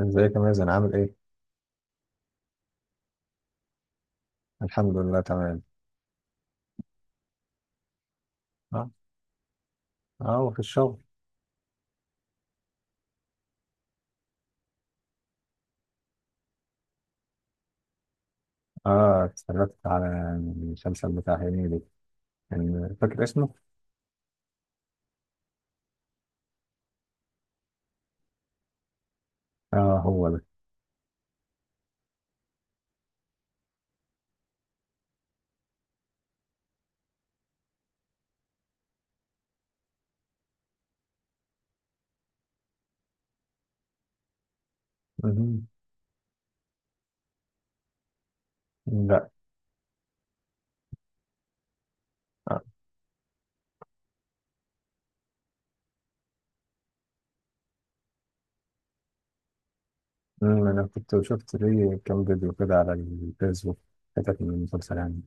ازيك يا مازن، عامل ايه؟ الحمد لله، تمام. اه. اه وفي الشغل. اه اتفرجت على المسلسل بتاع هنيدي، كان فاكر اسمه؟ اه، هو ده. مهم. لا. آه. مم، انا كنت شفت ليه كام فيديو كده على الفيسبوك، حتت من المسلسل يعني.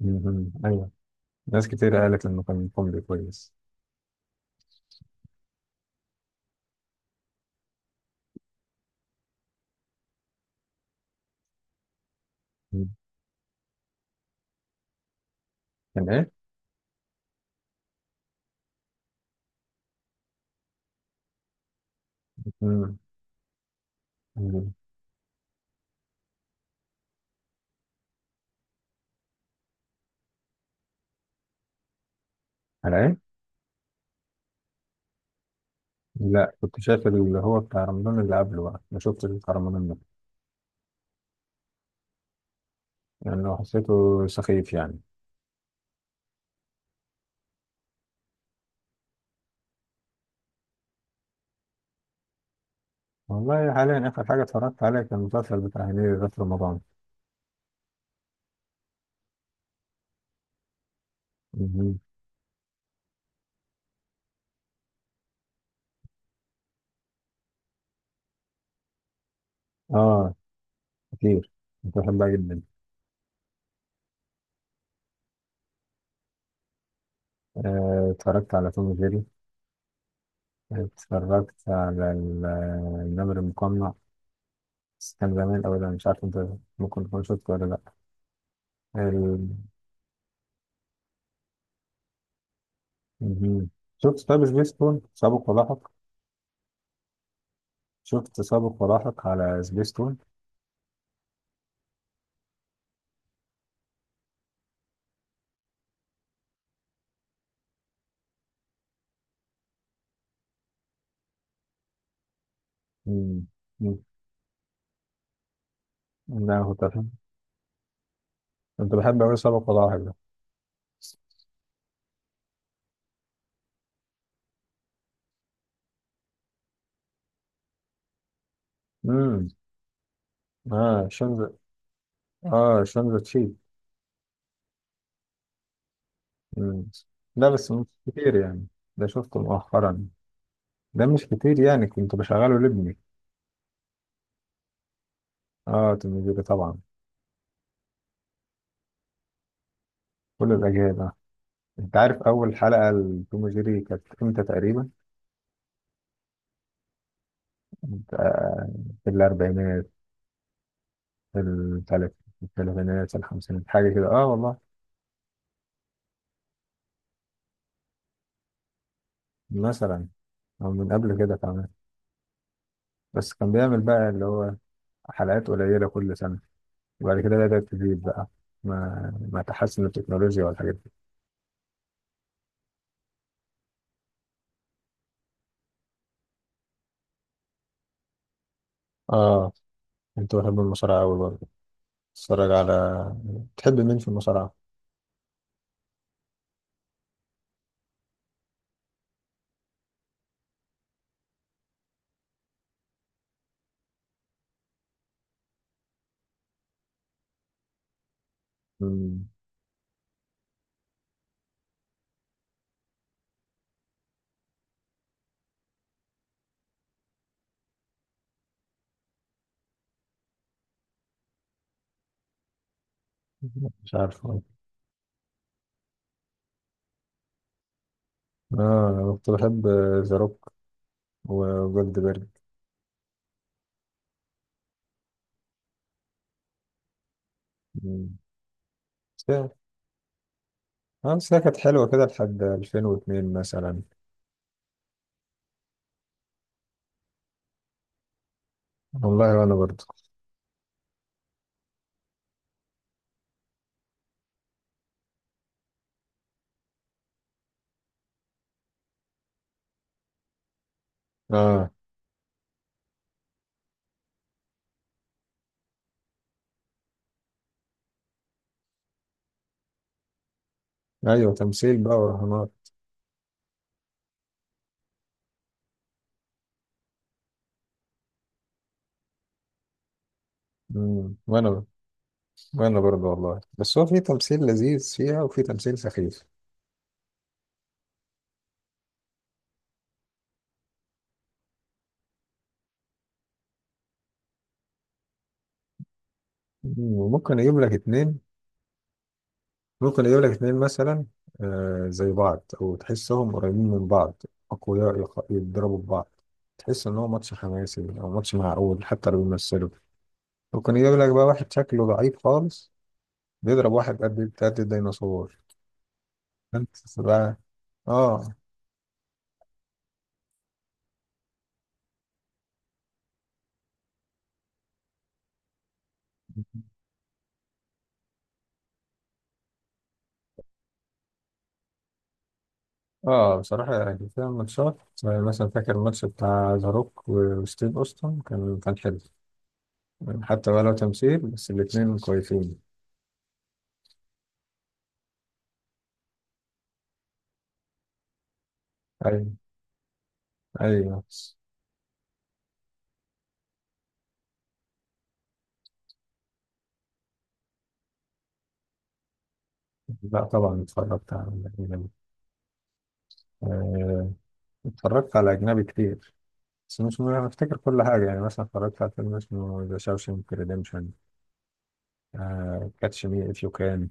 مهم. ايوه، ناس كتير قالت انه كان كوميدي كويس. مم. كان ايه؟ مم. مم. على ايه؟ لا، كنت شايف اللي هو بتاع رمضان اللي قبله، بقى ما شفتش بتاع رمضان ده لانه حسيته سخيف يعني. والله حاليا آخر حاجة اتفرجت عليها كان المسلسل بتاع هنيدي ده في رمضان. مهم. آه، كتير. كنت بحبها جدا. اتفرجت على توم وجيري. اتفرجت على النمر المقنع. بس كان زمان أوي ده، مش عارف أنت ممكن تكون شفته ولا لأ. ال... مهم. شفت طب سبيستون سابق ولاحق؟ شفت سابق ولاحق على سبيستون. مم. مم. لا، كنت بحب أوي سابق ولاحق ده. امم. اه، شنز. اه، شنز تشي. مم. لا بس مش كتير يعني، ده شفته مؤخرا. ده مش كتير يعني، كنت بشغله لابني. اه، توم وجيري طبعا، كل الأجيال. انت عارف أول حلقة لتوم وجيري كانت امتى تقريبا؟ كانت، في الأربعينات. في في الثلاثينات، في الخمسينات، حاجة كده اه والله. مثلا أو من قبل كده كمان. بس كان بيعمل بقى اللي هو حلقات قليلة كل سنة، وبعد كده بدأت تزيد بقى ما تحسن التكنولوجيا والحاجات دي. اه، انتوا بتحبوا المصارعة أوي برضه. اتفرج على، تحب مين في المصارعة؟ مم. مش عارف والله. اه، انا كنت بحب ذا روك وجولدبرج. مم، بس هي- اه بس هي كانت حلوة كده لحد 2002 مثلا. والله وانا برضه. اه، ايوه، تمثيل بقى ورهانات. مم، وانا برضه والله، بس هو في تمثيل لذيذ فيها وفي تمثيل سخيف. مم، وممكن اجيب لك اتنين. ممكن يجيب لك اتنين مثلا، زي بعض او تحسهم قريبين من بعض، اقوياء، يتضربوا في بعض، تحس ان هو ماتش حماسي او ماتش معقول حتى لو بيمثلوا. ممكن يجيب لك بقى واحد شكله ضعيف خالص بيضرب واحد قد الديناصور. فانت بقى. اه. اه بصراحة يعني فيها ماتشات زي مثلا، فاكر الماتش بتاع ذا روك وستيف اوستن، كان حلو، حتى بقى لو تمثيل بس الاتنين كويسين. ايوه، ايوه. لا طبعا اتفرجت على، آه، اتفرجت على أجنبي كتير بس مش م- أنا أفتكر كل حاجة، يعني مثلا اتفرجت على فيلم اسمه ذا شاوشنك ريديمشن، كاتش مي إف يو كان،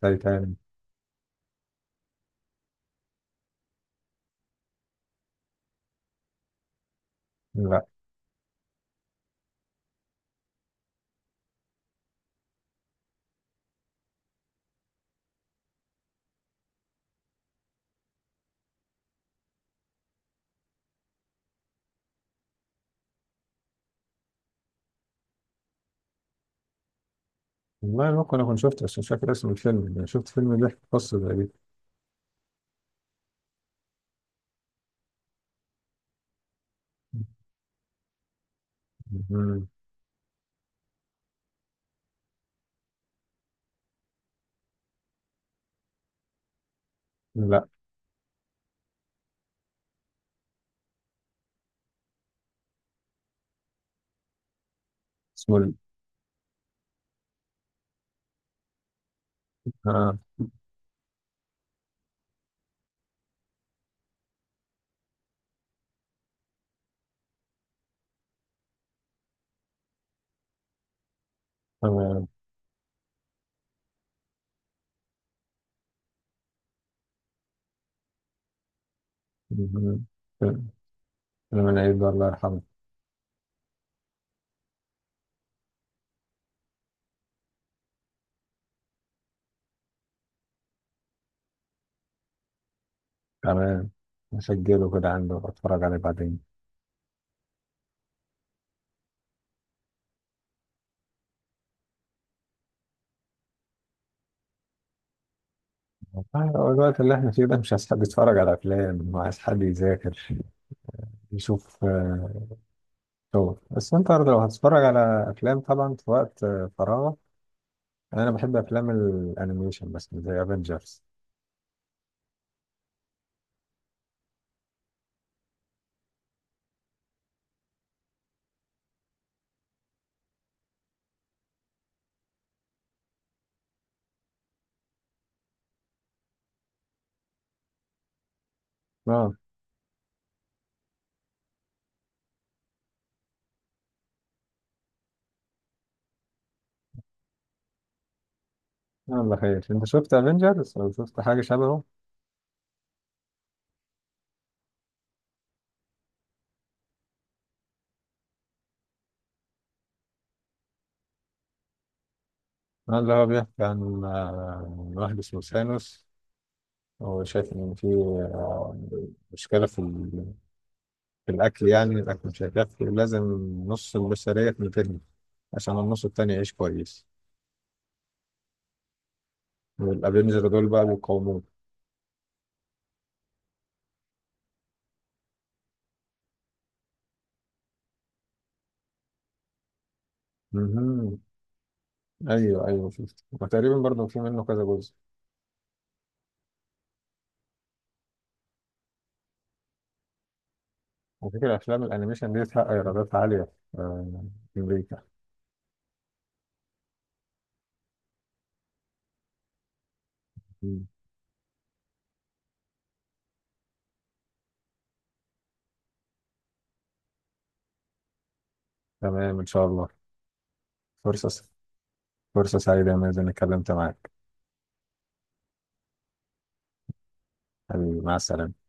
تايتان. لا والله ممكن أكون شفته بس مش فاكر اسم الفيلم، يعني شفت فيلم بيحكي قصة زي دي. مهم. لا، اسمه آه تمام. مهم. فيلم فيلم العيد الله يرحمه. تمام، مسجله كده عنده، اتفرج عليه بعدين. والله هو الوقت اللي احنا فيه ده مش عايز حد يتفرج على افلام، وعايز حد يذاكر، يشوف شغل. بس انت لو هتتفرج على افلام طبعا في وقت فراغك. انا بحب افلام الانيميشن بس زي افنجرز. اه. الله خير. انت شفت افنجرز او شفت حاجه شبهه؟ اللي هو بيحكي عن واحد اسمه ثانوس. هو شايف ان في آه، مشكله في في الاكل، يعني الاكل مش هيكفي، لازم نص البشريه تنتهي عشان النص التاني يعيش كويس، والافنجر دول بقى بيقاوموه. مهم. ايوه، ايوه، شفت، وتقريبا برضه في منه كذا جزء. على فكرة أفلام الأنيميشن دي تحقق إيرادات عالية آه، في أمريكا. مم. تمام إن شاء الله. فرصة فرصة سعيدة يا مازن إني اتكلمت معاك. حبيبي، مع السلامة.